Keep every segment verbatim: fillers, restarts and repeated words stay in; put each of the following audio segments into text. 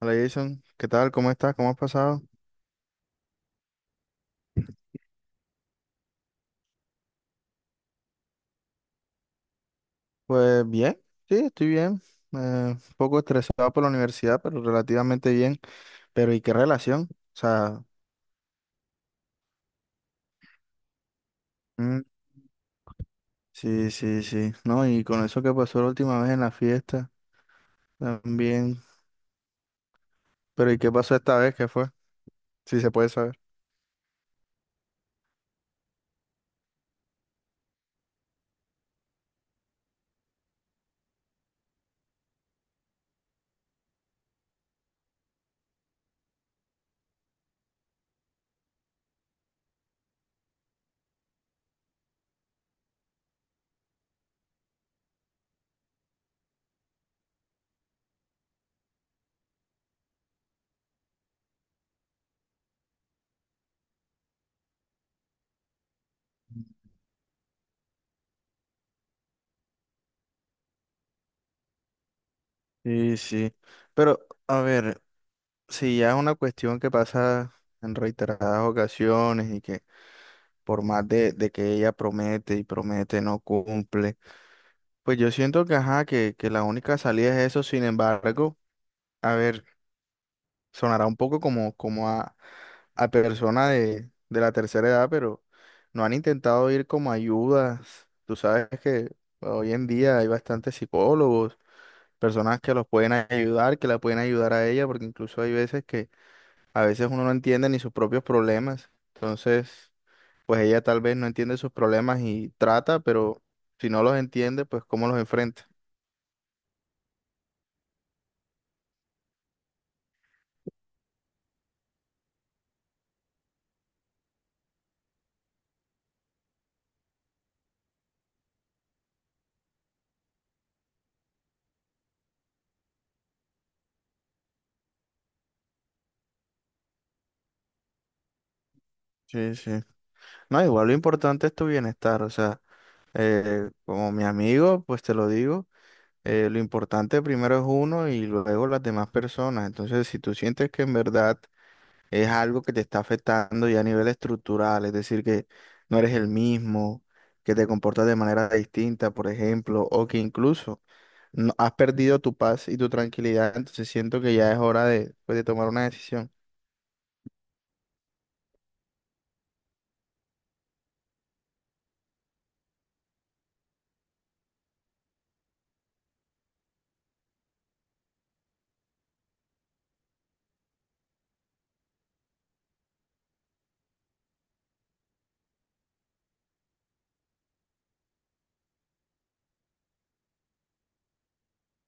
Hola Jason, ¿qué tal? ¿Cómo estás? ¿Cómo has pasado? Pues bien, sí, estoy bien. Eh, un poco estresado por la universidad, pero relativamente bien. Pero ¿y qué relación? O sea, mm, sí, sí, sí. No, y con eso que pasó la última vez en la fiesta, también. Pero ¿y qué pasó esta vez? ¿Qué fue? Sí, se puede saber. Sí, sí. Pero, a ver, si ya es una cuestión que pasa en reiteradas ocasiones y que por más de, de que ella promete y promete, no cumple. Pues yo siento que, ajá, que, que la única salida es eso. Sin embargo, a ver, sonará un poco como, como a, a persona de, de la tercera edad, pero no han intentado ir como ayudas. Tú sabes que hoy en día hay bastantes psicólogos, personas que los pueden ayudar, que la pueden ayudar a ella, porque incluso hay veces que a veces uno no entiende ni sus propios problemas. Entonces, pues ella tal vez no entiende sus problemas y trata, pero si no los entiende, pues cómo los enfrenta. Sí, sí. No, igual lo importante es tu bienestar. O sea, eh, como mi amigo, pues te lo digo, eh, lo importante primero es uno y luego las demás personas. Entonces, si tú sientes que en verdad es algo que te está afectando ya a nivel estructural, es decir, que no eres el mismo, que te comportas de manera distinta, por ejemplo, o que incluso no- has perdido tu paz y tu tranquilidad, entonces siento que ya es hora de, pues, de tomar una decisión.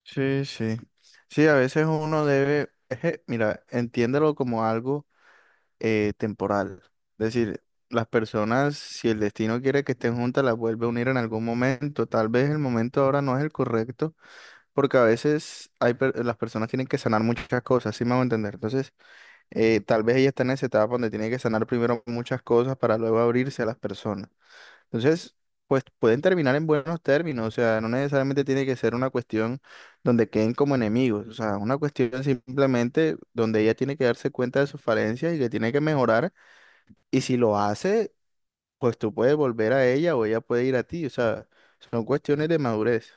Sí, sí. Sí, a veces uno debe, mira, entiéndelo como algo eh, temporal. Es decir, las personas, si el destino quiere que estén juntas, las vuelve a unir en algún momento. Tal vez el momento ahora no es el correcto, porque a veces hay per- las personas tienen que sanar muchas cosas, ¿sí me a entender? Entonces, eh, tal vez ella está en esa etapa donde tiene que sanar primero muchas cosas para luego abrirse a las personas. Entonces, pues pueden terminar en buenos términos. O sea, no necesariamente tiene que ser una cuestión donde queden como enemigos. O sea, una cuestión simplemente donde ella tiene que darse cuenta de sus falencias y que tiene que mejorar, y si lo hace, pues tú puedes volver a ella o ella puede ir a ti. O sea, son cuestiones de madurez.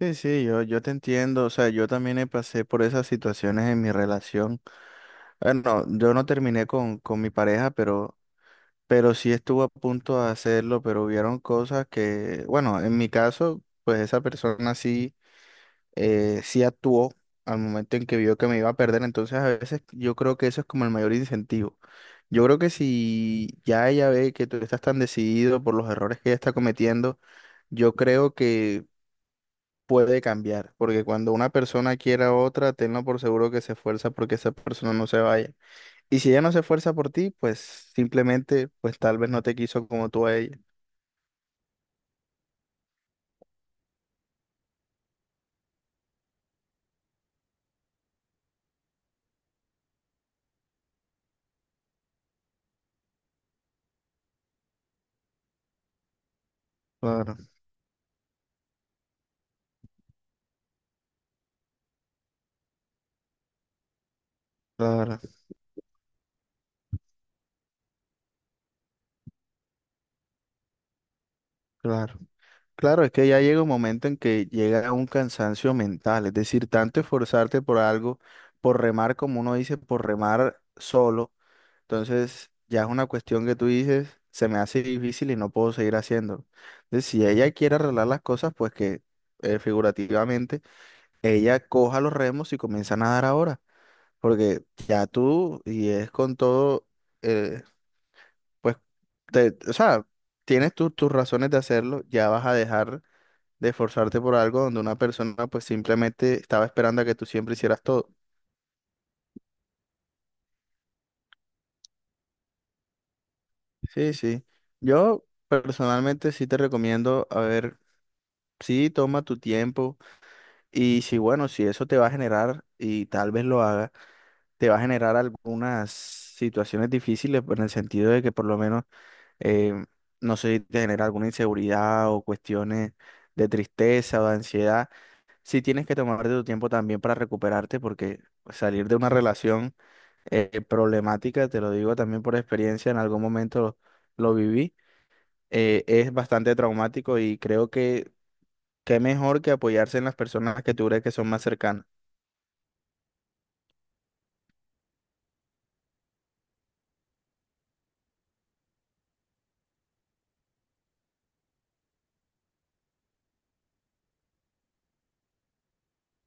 Sí, sí, yo, yo te entiendo. O sea, yo también eh, pasé por esas situaciones en mi relación. Bueno, yo no terminé con, con mi pareja, pero, pero sí estuvo a punto de hacerlo, pero hubieron cosas que, bueno, en mi caso, pues esa persona sí. Eh, sí actuó al momento en que vio que me iba a perder. Entonces, a veces yo creo que eso es como el mayor incentivo. Yo creo que si ya ella ve que tú estás tan decidido por los errores que ella está cometiendo, yo creo que puede cambiar, porque cuando una persona quiere a otra, tenlo por seguro que se esfuerza porque esa persona no se vaya. Y si ella no se esfuerza por ti, pues simplemente, pues tal vez no te quiso como tú a ella. Claro, claro, claro. Claro, es que ya llega un momento en que llega un cansancio mental, es decir, tanto esforzarte por algo, por remar, como uno dice, por remar solo, entonces ya es una cuestión que tú dices, se me hace difícil y no puedo seguir haciendo. Entonces, si ella quiere arreglar las cosas, pues que eh, figurativamente ella coja los remos y comienza a nadar ahora, porque ya tú, y es con todo, eh, pues, te- o sea, tienes tus tus razones de hacerlo, ya vas a dejar de esforzarte por algo donde una persona pues simplemente estaba esperando a que tú siempre hicieras todo. Sí, sí. Yo personalmente sí te recomiendo, a ver, sí, toma tu tiempo, y si bueno, si eso te va a generar, y tal vez lo haga, te va a generar algunas situaciones difíciles, pues en el sentido de que por lo menos, eh, no sé, te genera alguna inseguridad o cuestiones de tristeza o de ansiedad. Sí tienes que tomarte tu tiempo también para recuperarte, porque pues, salir de una relación eh, problemática, te lo digo también por experiencia, en algún momento lo viví, eh, es bastante traumático, y creo que qué mejor que apoyarse en las personas que tú crees que son más cercanas.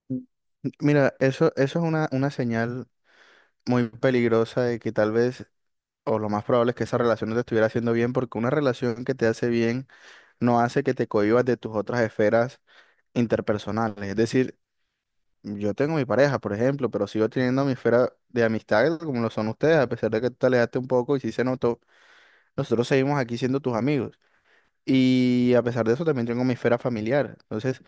Mm. Mira, eso, eso es una, una señal muy peligrosa de que tal vez, o lo más probable es que esa relación no te estuviera haciendo bien, porque una relación que te hace bien no hace que te cohibas de tus otras esferas interpersonales. Es decir, yo tengo mi pareja, por ejemplo, pero sigo teniendo mi esfera de amistades como lo son ustedes. A pesar de que tú te alejaste un poco y sí se notó, nosotros seguimos aquí siendo tus amigos. Y a pesar de eso también tengo mi esfera familiar. Entonces,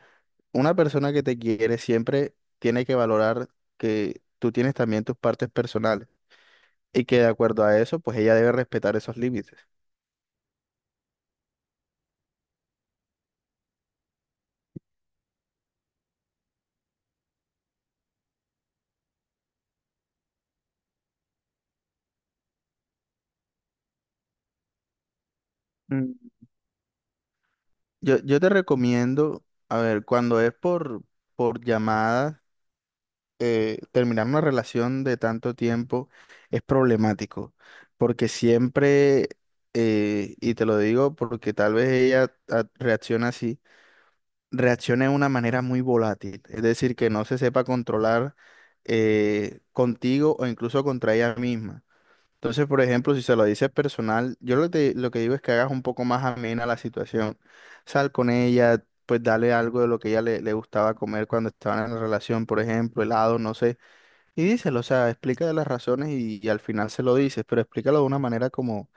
una persona que te quiere siempre tiene que valorar que tú tienes también tus partes personales y que de acuerdo a eso, pues ella debe respetar esos límites. Mm, Yo, yo te recomiendo, a ver, cuando es por, por llamada. Eh, terminar una relación de tanto tiempo es problemático, porque siempre, eh, y te lo digo porque tal vez ella ah, reacciona así, reacciona de una manera muy volátil, es decir, que no se sepa controlar eh, contigo o incluso contra ella misma. Entonces, por ejemplo, si se lo dices personal, yo lo que, te- lo que digo es que hagas un poco más amena la situación. Sal con ella, pues dale algo de lo que ella le, le gustaba comer cuando estaban en la relación, por ejemplo, helado, no sé, y díselo. O sea, explica de las razones y, y al final se lo dices, pero explícalo de una manera como,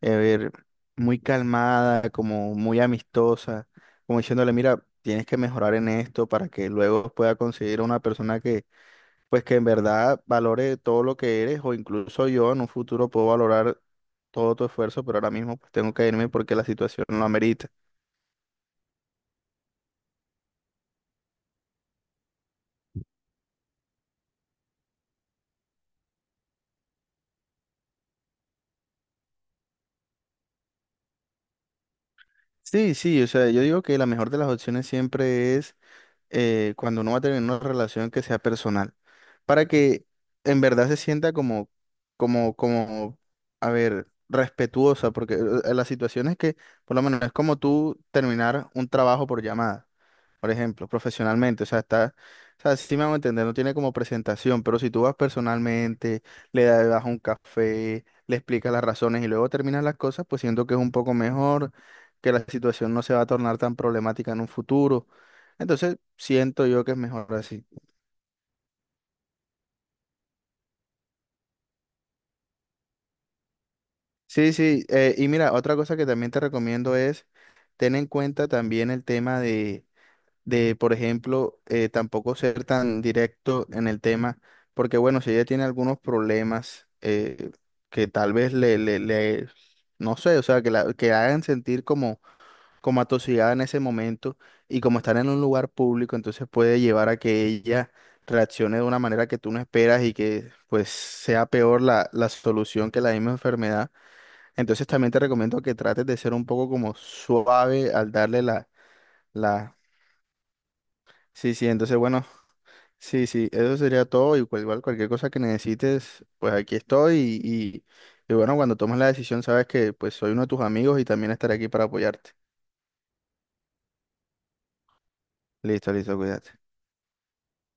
eh, a ver, muy calmada, como muy amistosa, como diciéndole, mira, tienes que mejorar en esto para que luego pueda conseguir una persona que, pues que en verdad valore todo lo que eres, o incluso yo en un futuro puedo valorar todo tu esfuerzo, pero ahora mismo pues tengo que irme porque la situación lo amerita. Sí, sí, o sea, yo digo que la mejor de las opciones siempre es eh, cuando uno va a tener una relación que sea personal, para que en verdad se sienta como, como, como, a ver, respetuosa, porque eh, eh, la situación es que, por lo menos, no es como tú terminar un trabajo por llamada, por ejemplo, profesionalmente. O sea, está, o sea, sí me van a entender, no tiene como presentación, pero si tú vas personalmente, le das un café, le explicas las razones y luego terminas las cosas, pues siento que es un poco mejor, que la situación no se va a tornar tan problemática en un futuro. Entonces, siento yo que es mejor así. Sí, sí, eh, y mira, otra cosa que también te recomiendo es ten en cuenta también el tema de, de por ejemplo, eh, tampoco ser tan directo en el tema, porque bueno, si ella tiene algunos problemas eh, que tal vez le, le, le- no sé, o sea, que la, que hagan sentir como como atosigada en ese momento y como estar en un lugar público, entonces puede llevar a que ella reaccione de una manera que tú no esperas y que pues sea peor la, la solución que la misma enfermedad. Entonces también te recomiendo que trates de ser un poco como suave al darle la, la... Sí, sí, entonces bueno, sí, sí, eso sería todo, y cual- igual cualquier cosa que necesites, pues aquí estoy, y, y, y bueno, cuando tomes la decisión sabes que pues soy uno de tus amigos y también estaré aquí para apoyarte. Listo, listo, cuídate.